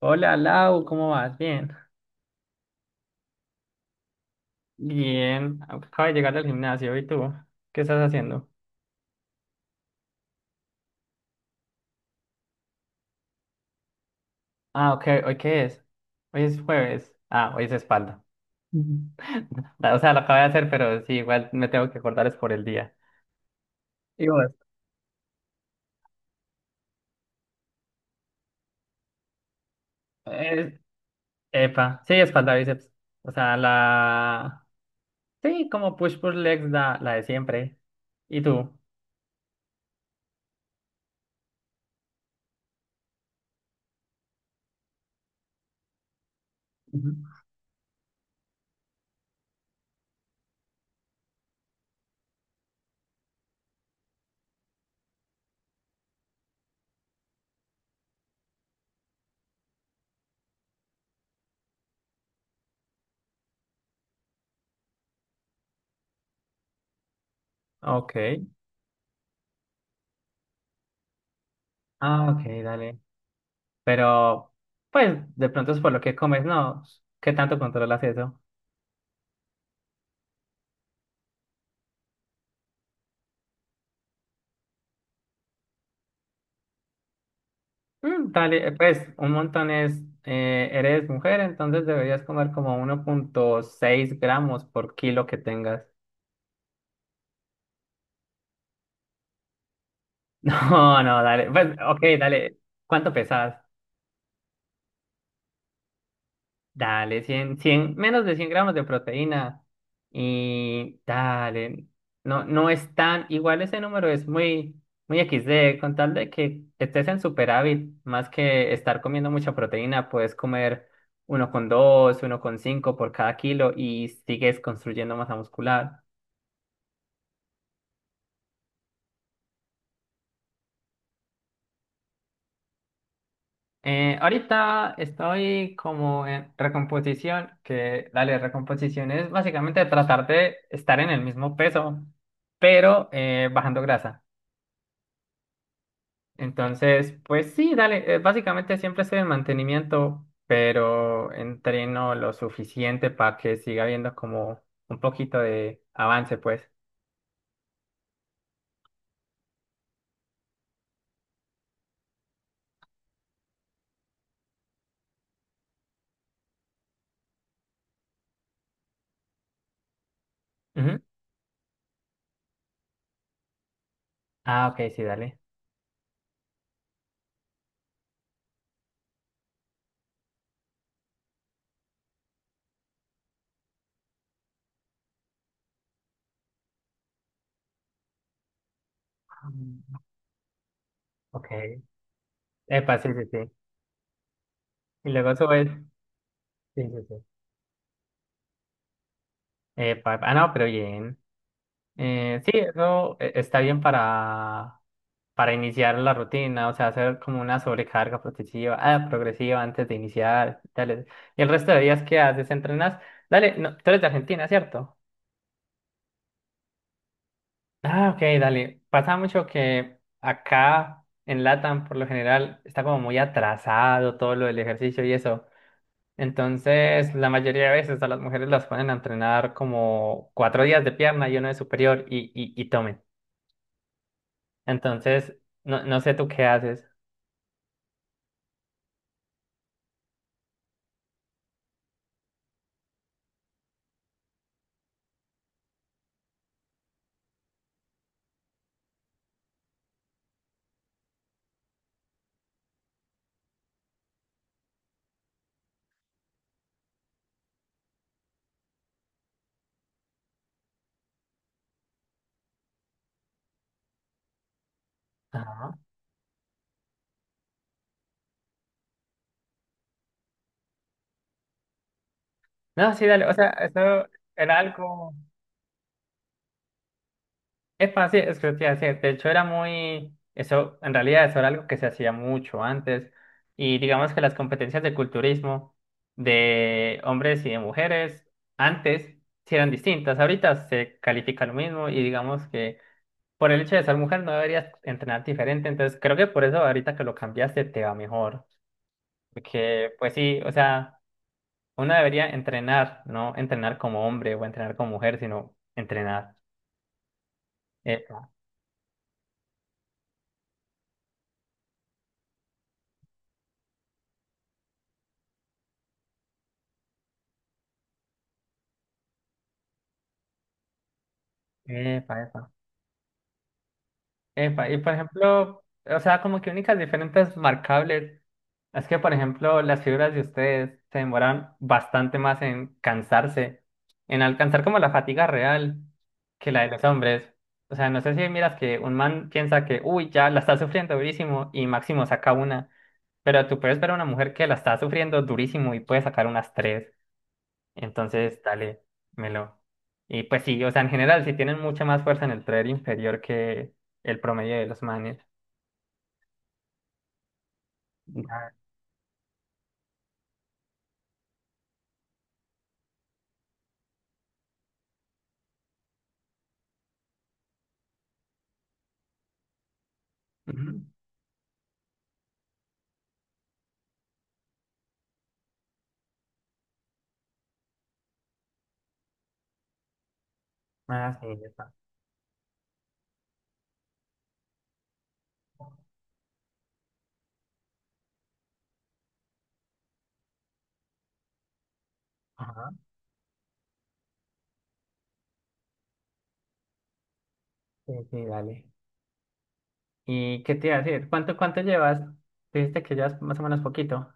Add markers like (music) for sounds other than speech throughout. Hola Lau, ¿cómo vas? Bien. Bien, acabo de llegar al gimnasio. ¿Y tú? ¿Qué estás haciendo? Ah, ok, ¿hoy qué es? Hoy es jueves. Ah, hoy es espalda. Ujú. (laughs) O sea, lo acabo de hacer, pero sí, igual me tengo que acordar es por el día. ¿Y vos? Eh, epa, sí, espalda, bíceps. O sea, Sí, como push legs, la de siempre. ¿Y tú? Ujú. Ok. Ah, ok, dale. Pero, pues, de pronto es por lo que comes, ¿no? ¿Qué tanto controlas eso? Mm, dale, pues un montón es, eres mujer, entonces deberías comer como 1,6 gramos por kilo que tengas. (laughs) No, no, dale, pues ok, dale, ¿cuánto pesas? Dale, 100, 100, menos de 100 gramos de proteína. Y dale, no, no es tan, igual ese número es muy, muy XD, con tal de que estés en superávit, más que estar comiendo mucha proteína, puedes comer uno con dos, 1,5 por cada kilo y sigues construyendo masa muscular. Ahorita estoy como en recomposición, que dale, recomposición es básicamente tratar de estar en el mismo peso, pero bajando grasa. Entonces, pues sí, dale, básicamente siempre estoy en mantenimiento, pero entreno lo suficiente para que siga habiendo como un poquito de avance, pues. Ujú. Ah, ok, sí, dale. Mm, ok. Epa, sí, sí, sí. Y luego subes. Sí, sí, sí. Epa, ah, no, pero bien. Sí, eso está bien para iniciar la rutina, o sea, hacer como una sobrecarga progresiva antes de iniciar, dale. Y el resto de días que haces, entrenas, dale, no, tú eres de Argentina, ¿cierto? Ah, ok, dale. Pasa mucho que acá en LATAM, por lo general, está como muy atrasado todo lo del ejercicio y eso. Entonces, la mayoría de veces a las mujeres las ponen a entrenar como 4 días de pierna y uno de superior y tomen. Entonces, no, no sé tú qué haces. Ajá. No, sí, dale, o sea, eso era algo, es fácil, es que te iba a decir, de hecho era muy, eso, en realidad eso era algo que se hacía mucho antes, y digamos que las competencias de culturismo de hombres y de mujeres antes sí eran distintas, ahorita se califica lo mismo, y digamos que por el hecho de ser mujer no deberías entrenar diferente, entonces creo que por eso ahorita que lo cambiaste te va mejor, porque pues sí, o sea, uno debería entrenar, no entrenar como hombre o entrenar como mujer, sino entrenar. Epa, epa, epa. Epa, y por ejemplo, o sea, como que únicas diferentes marcables es que, por ejemplo, las figuras de ustedes se demoran bastante más en cansarse, en alcanzar como la fatiga real que la de los hombres. O sea, no sé si miras que un man piensa que, uy, ya la está sufriendo durísimo y máximo saca una, pero tú puedes ver a una mujer que la está sufriendo durísimo y puede sacar unas tres. Entonces, dale, melo. Y pues sí, o sea, en general, sí tienen mucha más fuerza en el tren inferior que el promedio de los manes. Ah, ujú. Ah, sí, ya está. Ajá. Sí, sí, dale. ¿Y qué te iba a decir? ¿Cuánto llevas? Dijiste que llevas más o menos poquito.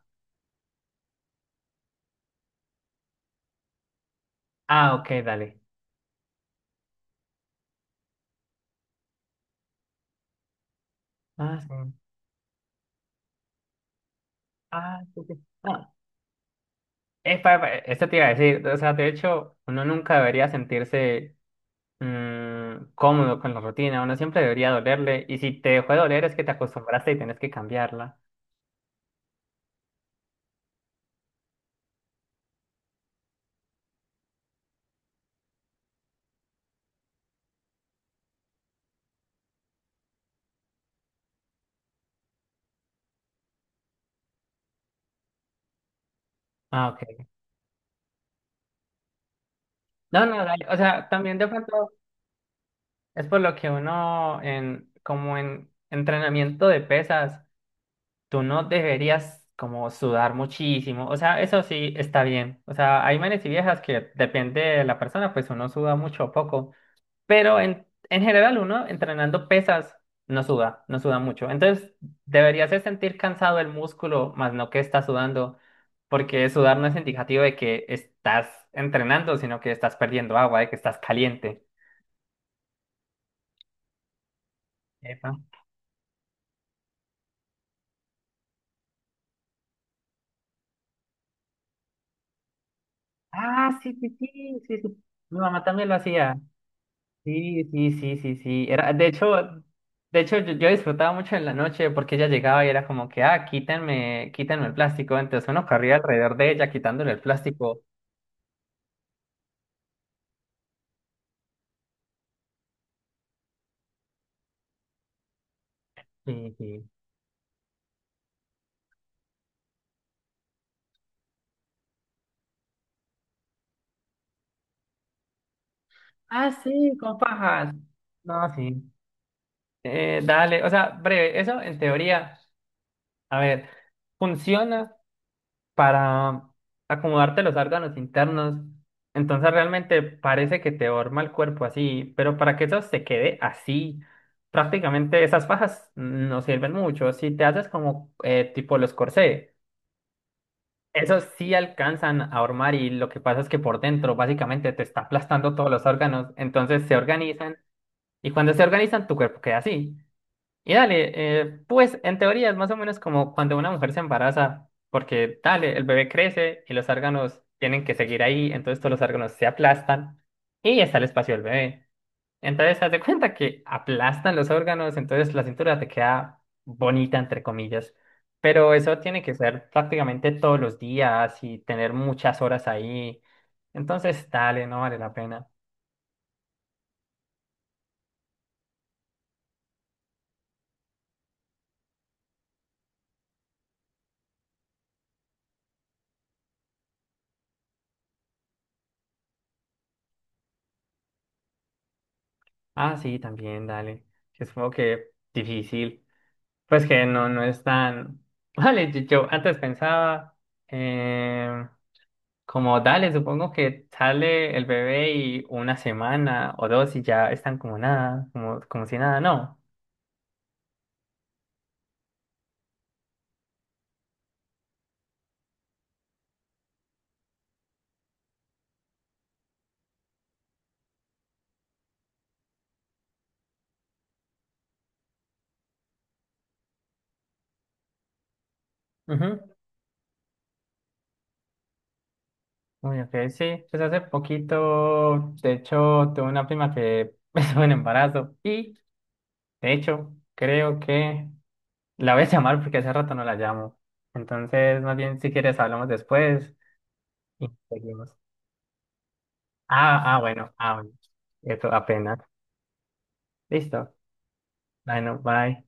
Ah, ok, dale. Ah, sí. Ah, sí, sí. Ah, epa, epa, esto te iba a decir. O sea, de hecho, uno nunca debería sentirse cómodo con la rutina. Uno siempre debería dolerle. Y si te dejó de doler es que te acostumbraste y tenés que cambiarla. Ah, ok. No, no, dale. O sea, también de pronto es por lo que uno en, como en entrenamiento de pesas, tú no deberías como sudar muchísimo. O sea, eso sí está bien. O sea, hay manes y viejas que depende de la persona, pues uno suda mucho o poco. Pero en general uno entrenando pesas no suda, no suda mucho. Entonces deberías de sentir cansado el músculo, más no que estás sudando, porque sudar no es indicativo de que estás entrenando, sino que estás perdiendo agua, de que estás caliente. Epa. Ah, sí, sí, sí, sí, sí. Mi mamá también lo hacía. Sí, sí, sí, sí, sí. Era, de hecho yo disfrutaba mucho en la noche porque ella llegaba y era como que, ah, quítenme, quítenme el plástico. Entonces uno corría alrededor de ella quitándole el plástico. Sí, sí. Ah, sí, con pajas. No, sí. Dale, o sea, breve, eso en teoría, a ver, funciona para acomodarte los órganos internos, entonces realmente parece que te forma el cuerpo así, pero para que eso se quede así, prácticamente esas fajas no sirven mucho. Si te haces como tipo los corsés, esos sí alcanzan a hormar y lo que pasa es que por dentro básicamente te está aplastando todos los órganos, entonces se organizan. Y cuando se organizan, tu cuerpo queda así. Y dale, pues en teoría es más o menos como cuando una mujer se embaraza, porque dale, el bebé crece y los órganos tienen que seguir ahí, entonces todos los órganos se aplastan y está el espacio del bebé. Entonces, haz de cuenta que aplastan los órganos, entonces la cintura te queda bonita, entre comillas. Pero eso tiene que ser prácticamente todos los días y tener muchas horas ahí. Entonces, dale, no vale la pena. Ah, sí, también, dale. Sí, es como que difícil. Pues que no, no es tan. (laughs) Vale, yo antes pensaba, eh, como dale, supongo que sale el bebé y una semana o dos y ya están como nada, como si nada, no. Ujú. Uy, ok, sí. Pues hace poquito, de hecho, tuve una prima que (laughs) estuvo en embarazo y, de hecho, creo que la voy a llamar porque hace rato no la llamo. Entonces, más bien, si quieres, hablamos después. Sí, seguimos. Ah, ah, bueno, ah, bueno. Eso apenas. Listo. Bueno, bye.